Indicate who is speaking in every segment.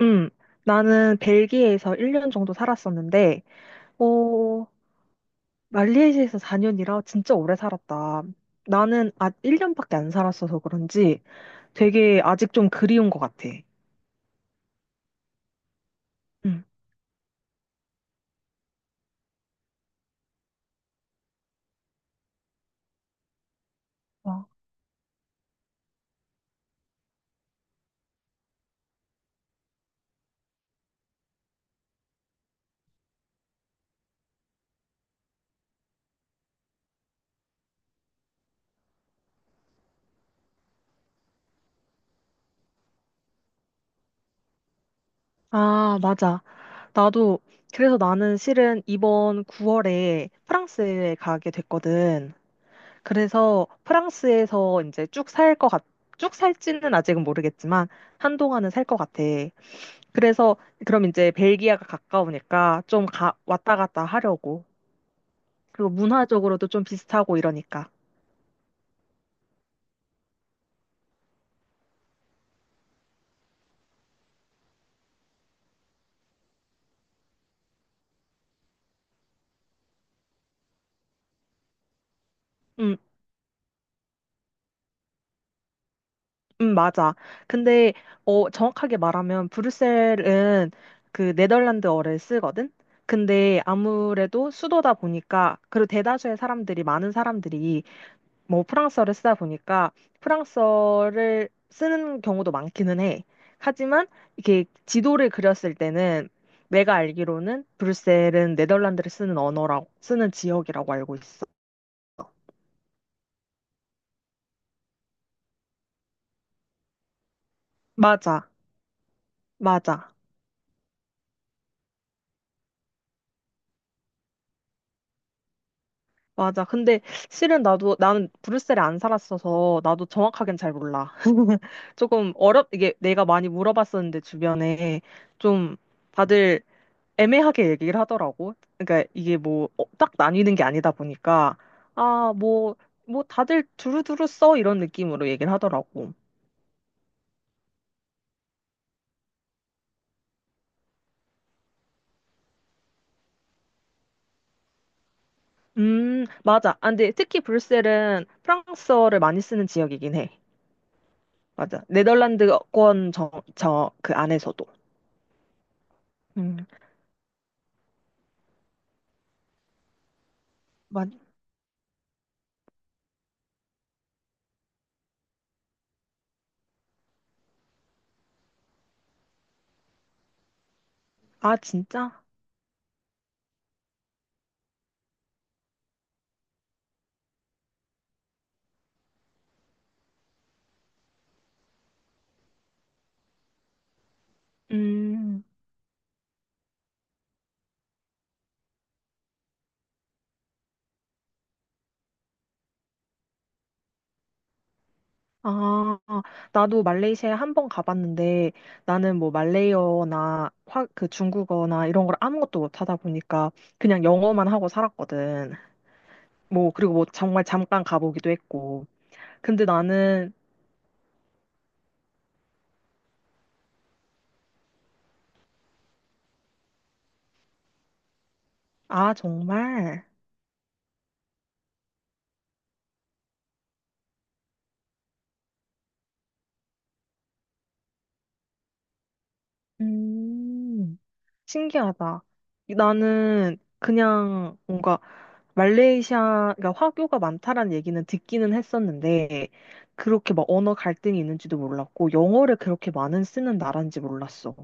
Speaker 1: 음, 나는 벨기에에서 1년 정도 살았었는데, 어, 말레이시아에서 4년이라 진짜 오래 살았다. 나는 아, 1년밖에 안 살았어서 그런지 되게 아직 좀 그리운 것 같아. 음. 어. 아, 맞아. 나도, 그래서 나는 실은 이번 9월에 프랑스에 가게 됐거든. 그래서 프랑스에서 이제 쭉 살지는 아직은 모르겠지만, 한동안은 살 것 같아. 그래서 그럼 이제 벨기에가 가까우니까 좀 왔다 갔다 하려고. 그리고 문화적으로도 좀 비슷하고 이러니까. 음, 맞아. 근데 정확하게 말하면 브뤼셀은 그 네덜란드어를 쓰거든. 근데 아무래도 수도다 보니까 그리고 대다수의 사람들이 많은 사람들이 뭐 프랑스어를 쓰다 보니까 프랑스어를 쓰는 경우도 많기는 해. 하지만 이렇게 지도를 그렸을 때는 내가 알기로는 브뤼셀은 네덜란드를 쓰는 언어라고 쓰는 지역이라고 알고 있어. 맞아. 맞아. 맞아. 근데 실은 나도 나는 브뤼셀에 안 살았어서 나도 정확하게는 잘 몰라. 조금 어렵 이게 내가 많이 물어봤었는데 주변에 좀 다들 애매하게 얘기를 하더라고. 그러니까 이게 뭐 딱 나뉘는 게 아니다 보니까 아, 뭐 다들 두루두루 써 이런 느낌으로 얘기를 하더라고. 맞아. 아, 근데 특히 브뤼셀은 프랑스어를 많이 쓰는 지역이긴 해. 맞아. 네덜란드권 저 그 안에서도. 음, 맞, 아, 진짜? 음. 아, 나도 말레이시아에 한 번 가봤는데 나는 뭐 말레이어나 그 중국어나 이런 걸 아무것도 못하다 보니까 그냥 영어만 하고 살았거든. 뭐 그리고 뭐 정말 잠깐 가보기도 했고. 근데 나는 아, 정말 음, 신기하다. 나는 그냥 뭔가 말레이시아, 가 화교가 많다라는 얘기는 듣기는 했었는데, 그렇게 막 언어 갈등이 있는지도 몰랐고, 영어를 그렇게 많은 쓰는 나라인지 몰랐어.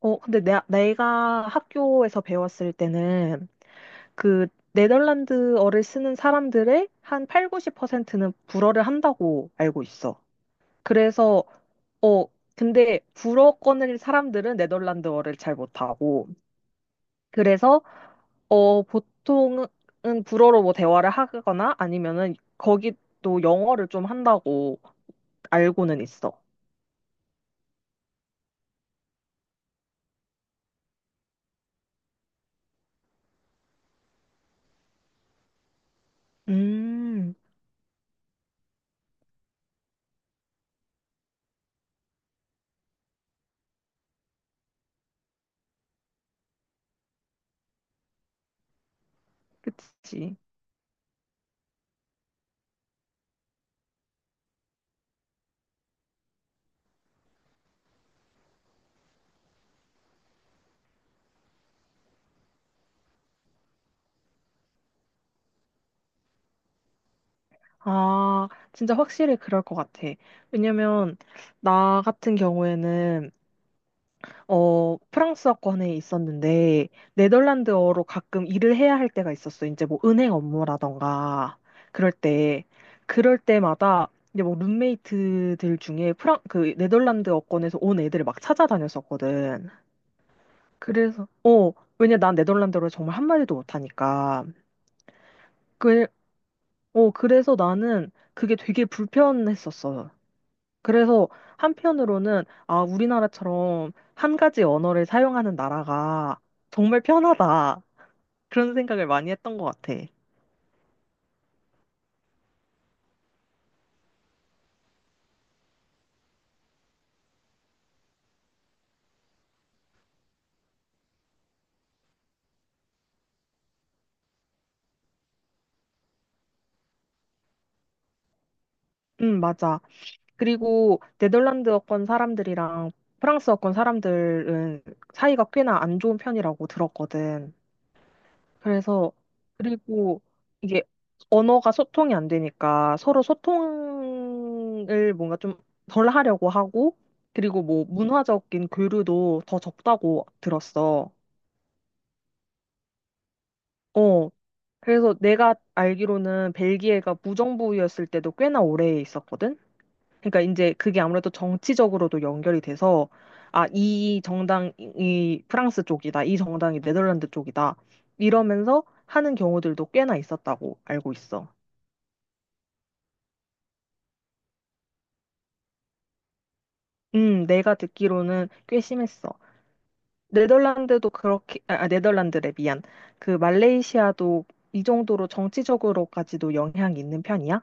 Speaker 1: 근데 내가 학교에서 배웠을 때는 그 네덜란드어를 쓰는 사람들의 한 8, 90%는 불어를 한다고 알고 있어. 그래서 어, 근데 불어 꺼낼 사람들은 네덜란드어를 잘 못하고, 그래서, 보통은 불어로 뭐 대화를 하거나 아니면은 거기 또 영어를 좀 한다고 알고는 있어. 음, 그치. 아, 진짜 확실히 그럴 것 같아. 왜냐면, 나 같은 경우에는 프랑스어권에 있었는데, 네덜란드어로 가끔 일을 해야 할 때가 있었어. 이제 뭐 은행 업무라던가, 그럴 때. 그럴 때마다, 이제 뭐 룸메이트들 중에 그 네덜란드어권에서 온 애들을 막 찾아다녔었거든. 그래서, 어, 왜냐 난 네덜란드어를 정말 한마디도 못하니까. 그, 그래서 나는 그게 되게 불편했었어. 그래서 한편으로는 아, 우리나라처럼 한 가지 언어를 사용하는 나라가 정말 편하다. 그런 생각을 많이 했던 것 같아. 맞아. 그리고 네덜란드어권 사람들이랑 프랑스어권 사람들은 사이가 꽤나 안 좋은 편이라고 들었거든. 그래서 그리고 이게 언어가 소통이 안 되니까 서로 소통을 뭔가 좀 덜 하려고 하고 그리고 뭐 문화적인 교류도 더 적다고 들었어. 어, 그래서 내가 알기로는 벨기에가 무정부였을 때도 꽤나 오래 있었거든? 그러니까 이제 그게 아무래도 정치적으로도 연결이 돼서, 아, 이 정당이 프랑스 쪽이다, 이 정당이 네덜란드 쪽이다, 이러면서 하는 경우들도 꽤나 있었다고 알고 있어. 내가 듣기로는 꽤 심했어. 네덜란드도 그렇게, 아, 아, 네덜란드래, 미안. 그 말레이시아도 이 정도로 정치적으로까지도 영향이 있는 편이야?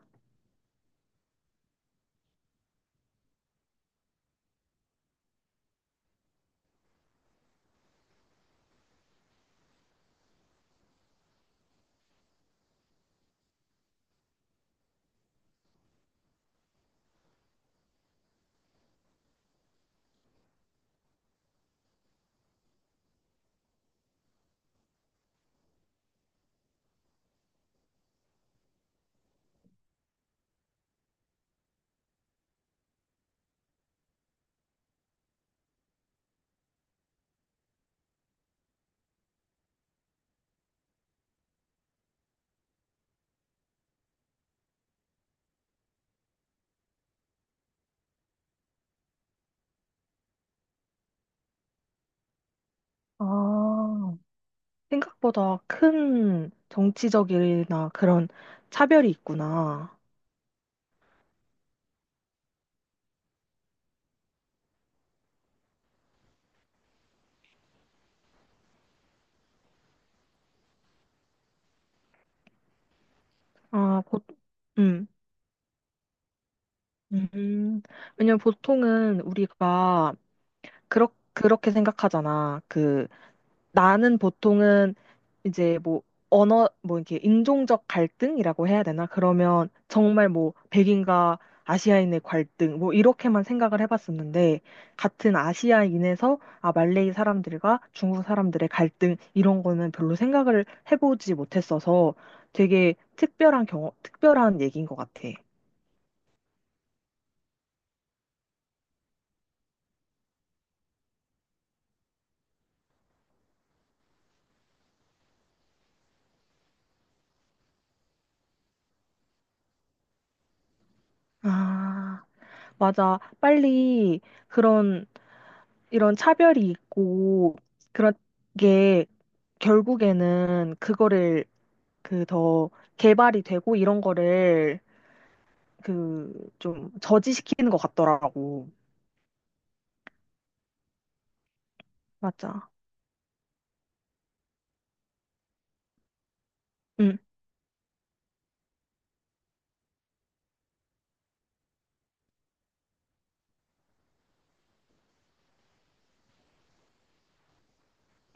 Speaker 1: 아, 생각보다 큰 정치적이나 그런 차별이 있구나. 아, 음, 음. 왜냐면 보통은 우리가 그렇, 그렇게 생각하잖아. 그 나는 보통은 이제 뭐 언어 뭐 이렇게 인종적 갈등이라고 해야 되나? 그러면 정말 뭐 백인과 아시아인의 갈등 뭐 이렇게만 생각을 해봤었는데 같은 아시아인에서 아 말레이 사람들과 중국 사람들의 갈등 이런 거는 별로 생각을 해보지 못했어서 되게 특별한 경험 특별한 얘기인 것 같아. 아 맞아 빨리 그런 이런 차별이 있고 그런 게 결국에는 그거를 그 더 개발이 되고 이런 거를 그 좀 저지시키는 것 같더라고. 맞아. 응,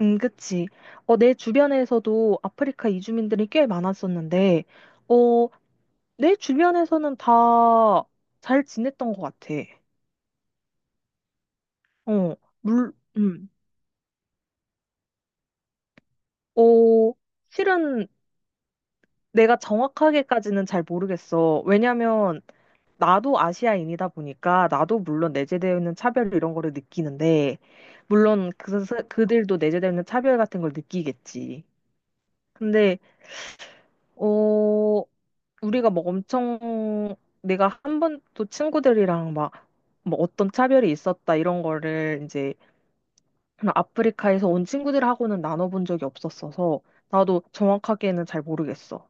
Speaker 1: 응, 그치. 내 주변에서도 아프리카 이주민들이 꽤 많았었는데, 어, 내 주변에서는 다 잘 지냈던 것 같아. 어, 물, 음, 어, 실은 내가 정확하게까지는 잘 모르겠어. 왜냐면 나도 아시아인이다 보니까 나도 물론 내재되어 있는 차별 이런 거를 느끼는데 물론 그들도 내재되어 있는 차별 같은 걸 느끼겠지. 근데 어 우리가 막 엄청 내가 한 번도 친구들이랑 막 뭐 어떤 차별이 있었다 이런 거를 이제 그냥 아프리카에서 온 친구들하고는 나눠본 적이 없었어서 나도 정확하게는 잘 모르겠어.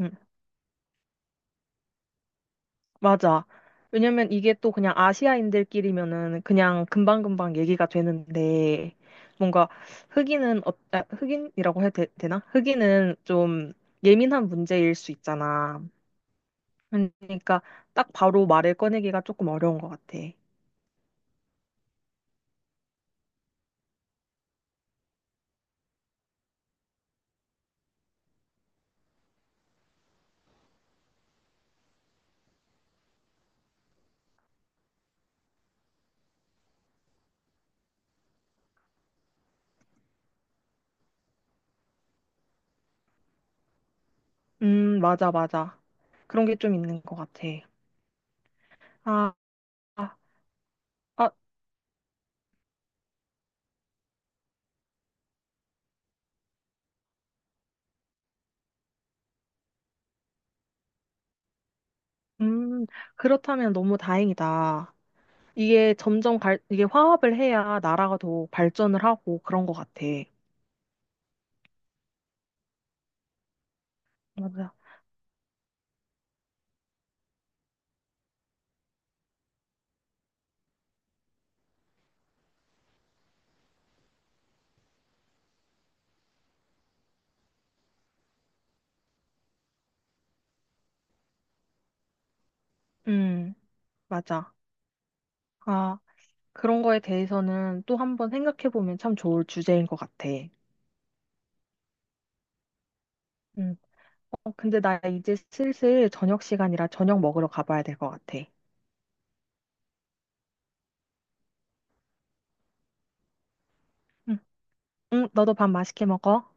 Speaker 1: 음. 맞아. 왜냐면 이게 또 그냥 아시아인들끼리면은 그냥 금방금방 얘기가 되는데 뭔가 흑인은 아, 흑인이라고 해야 되나? 흑인은 좀 예민한 문제일 수 있잖아. 그러니까 딱 바로 말을 꺼내기가 조금 어려운 것 같아. 맞아, 맞아. 그런 게 좀 있는 것 같아. 아, 아, 아, 음, 그렇다면 너무 다행이다. 이게 화합을 해야 나라가 더 발전을 하고 그런 것 같아. 맞아. 음. 맞아. 아, 그런 거에 대해서는 또 한 번 생각해보면 참 좋을 주제인 것 같아. 응. 근데 나 이제 슬슬 저녁 시간이라 저녁 먹으러 가봐야 될 것 같아. 응, 응, 너도 밥 맛있게 먹어.